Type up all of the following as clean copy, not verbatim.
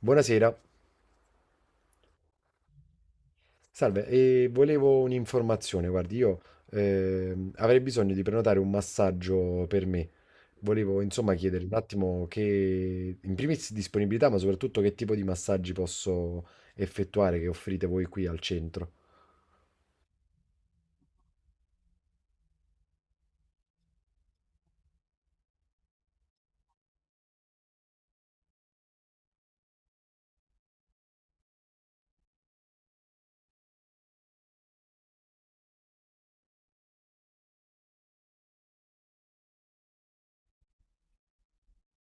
Buonasera, salve, e volevo un'informazione. Guardi, io avrei bisogno di prenotare un massaggio per me. Volevo insomma chiedere un attimo che, in primis, disponibilità, ma soprattutto che tipo di massaggi posso effettuare, che offrite voi qui al centro.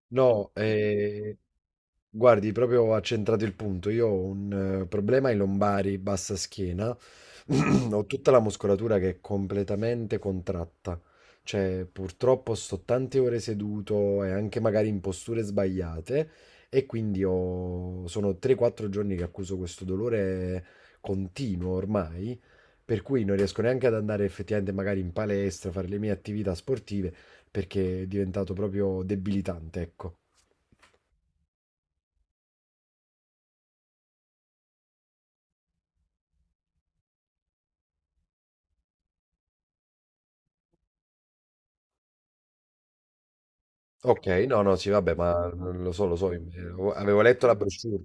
No, guardi, proprio ha centrato il punto. Io ho un problema ai lombari, bassa schiena. Ho tutta la muscolatura che è completamente contratta. Cioè, purtroppo sto tante ore seduto e anche magari in posture sbagliate. E quindi sono 3-4 giorni che accuso questo dolore continuo ormai. Per cui non riesco neanche ad andare effettivamente magari in palestra, fare le mie attività sportive, perché è diventato proprio debilitante, ecco. Ok, no, no, sì, vabbè, ma lo so, avevo letto la brochure.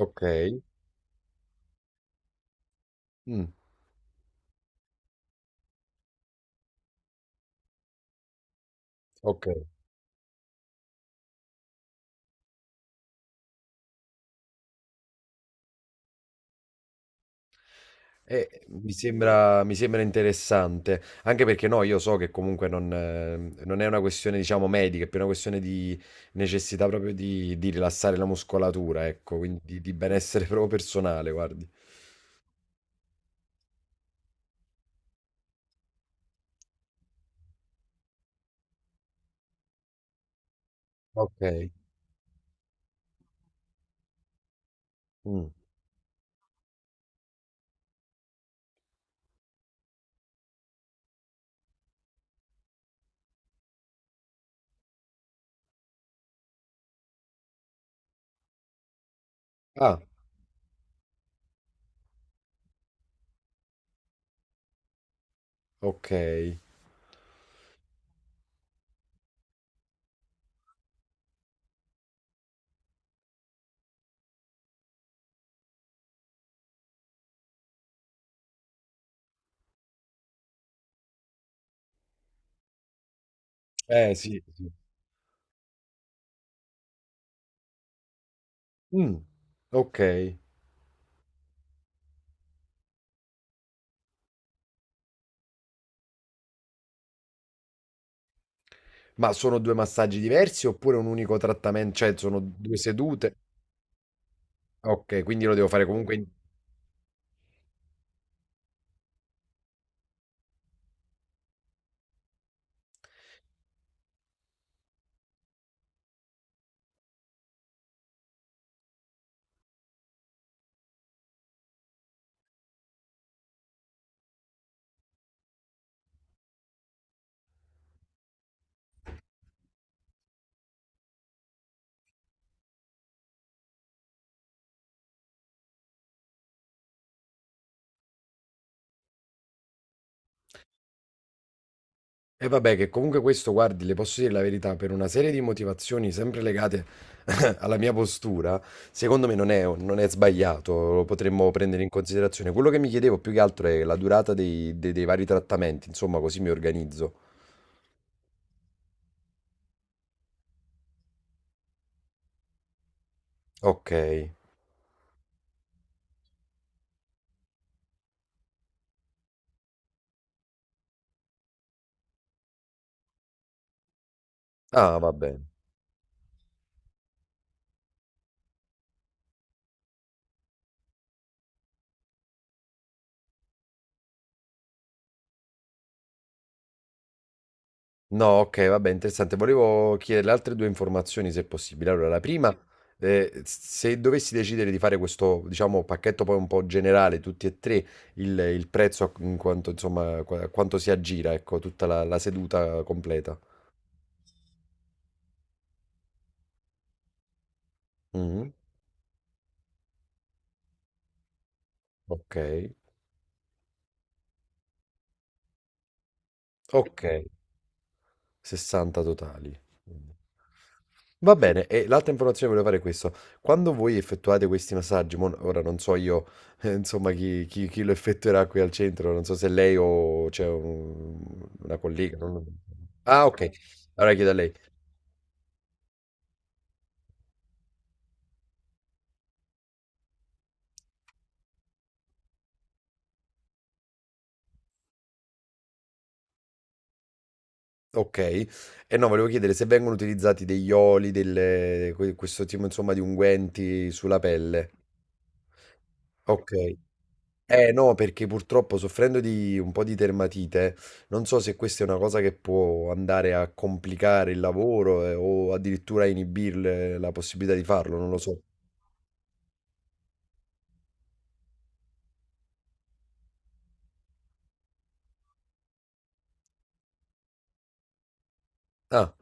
Ok. Mm. Ok. Mi sembra interessante, anche perché no, io so che comunque non è una questione, diciamo, medica, è più una questione di necessità proprio di rilassare la muscolatura, ecco, quindi di benessere proprio personale, guardi. Ok. Mm. Ah, ok. Sì, sì. Mm, ok. Ma sono due massaggi diversi oppure un unico trattamento? Cioè, sono due sedute? Ok, quindi lo devo fare comunque. E vabbè, che comunque questo, guardi, le posso dire la verità, per una serie di motivazioni sempre legate alla mia postura, secondo me non è, non è sbagliato, lo potremmo prendere in considerazione. Quello che mi chiedevo più che altro è la durata dei, dei vari trattamenti, insomma, così mi organizzo. Ok. Ah, vabbè. No, ok, vabbè, interessante. Volevo chiederle altre due informazioni, se possibile. Allora, la prima, se dovessi decidere di fare questo, diciamo, pacchetto poi un po' generale, tutti e tre, il prezzo in quanto, insomma, a quanto si aggira, ecco, tutta la seduta completa. Mhm. Ok, ok. 60 totali, quindi. Va bene, e l'altra informazione che volevo fare è questo. Quando voi effettuate questi massaggi, ora non so io, insomma, chi lo effettuerà qui al centro. Non so se lei o c'è una collega. Ah, ok, allora chiedo a lei. Ok, e no, volevo chiedere se vengono utilizzati degli oli, questo tipo, insomma, di unguenti sulla pelle. Ok. Eh no, perché purtroppo, soffrendo di un po' di dermatite, non so se questa è una cosa che può andare a complicare il lavoro o addirittura a inibirle la possibilità di farlo, non lo so. Ah,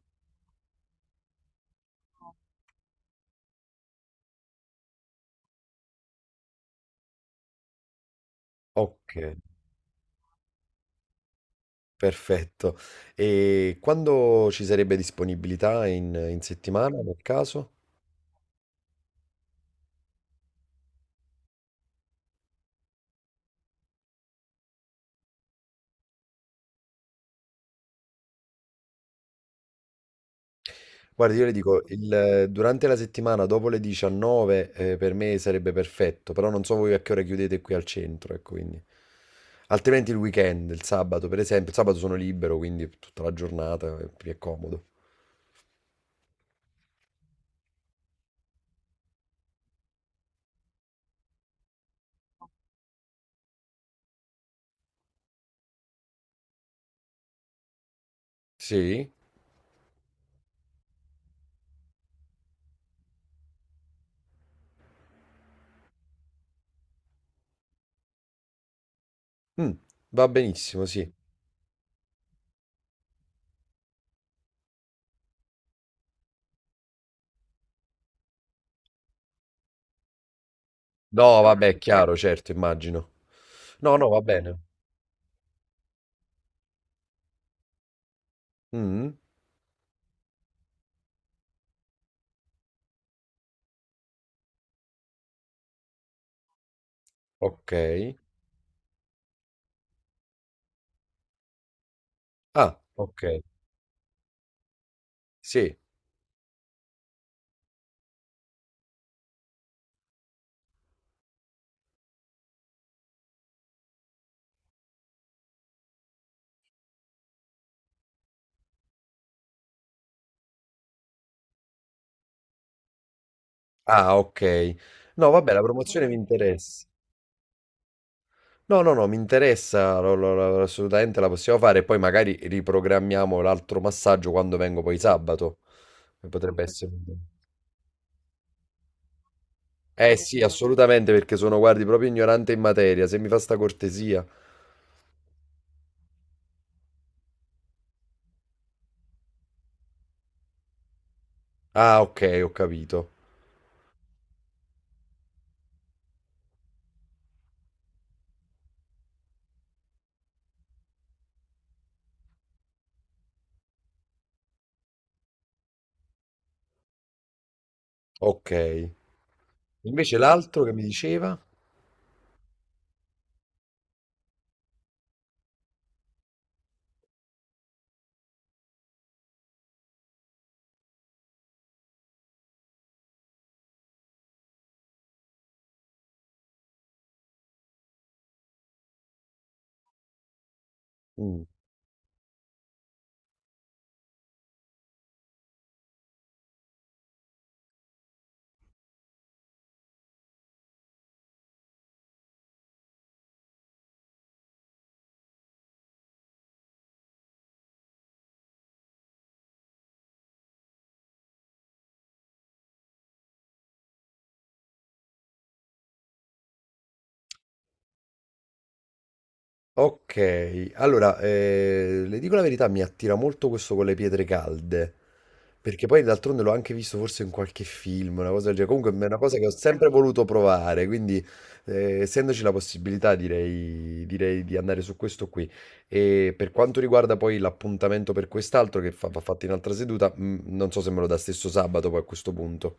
ok, perfetto. E quando ci sarebbe disponibilità in settimana, nel caso? Guarda, io le dico, durante la settimana dopo le 19 per me sarebbe perfetto, però non so voi a che ora chiudete qui al centro, ecco, quindi. Altrimenti il weekend, il sabato per esempio, il sabato sono libero, quindi tutta la giornata mi è più comodo. Sì? Mm, va benissimo, sì. No, vabbè, è chiaro, certo, immagino. No, no, va bene. Mm, ok. Ah, ok. Sì. Ah, ok. No, vabbè, la promozione mi interessa. No, no, no, mi interessa, assolutamente la possiamo fare e poi magari riprogrammiamo l'altro massaggio quando vengo poi sabato. Che potrebbe essere un'idea. Eh sì, assolutamente, perché sono, guardi, proprio ignorante in materia, se mi fa sta cortesia. Ah, ok, ho capito. Ok. Invece l'altro che mi diceva? Mm. Ok, allora, le dico la verità, mi attira molto questo con le pietre calde, perché poi d'altronde l'ho anche visto forse in qualche film, una cosa del genere, comunque è una cosa che ho sempre voluto provare, quindi essendoci la possibilità direi, direi di andare su questo qui. E per quanto riguarda poi l'appuntamento per quest'altro che va fatto in altra seduta, non so se me lo dà stesso sabato poi, a questo punto.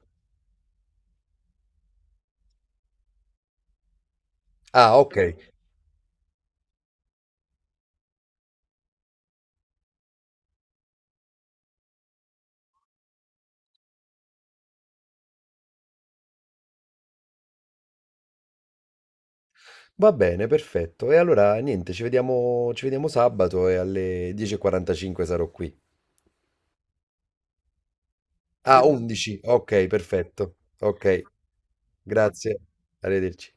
Ah, ok. Va bene, perfetto. E allora niente, ci vediamo sabato e alle 10:45 sarò qui. Ah, esatto. 11. Ok, perfetto. Ok, grazie. Arrivederci.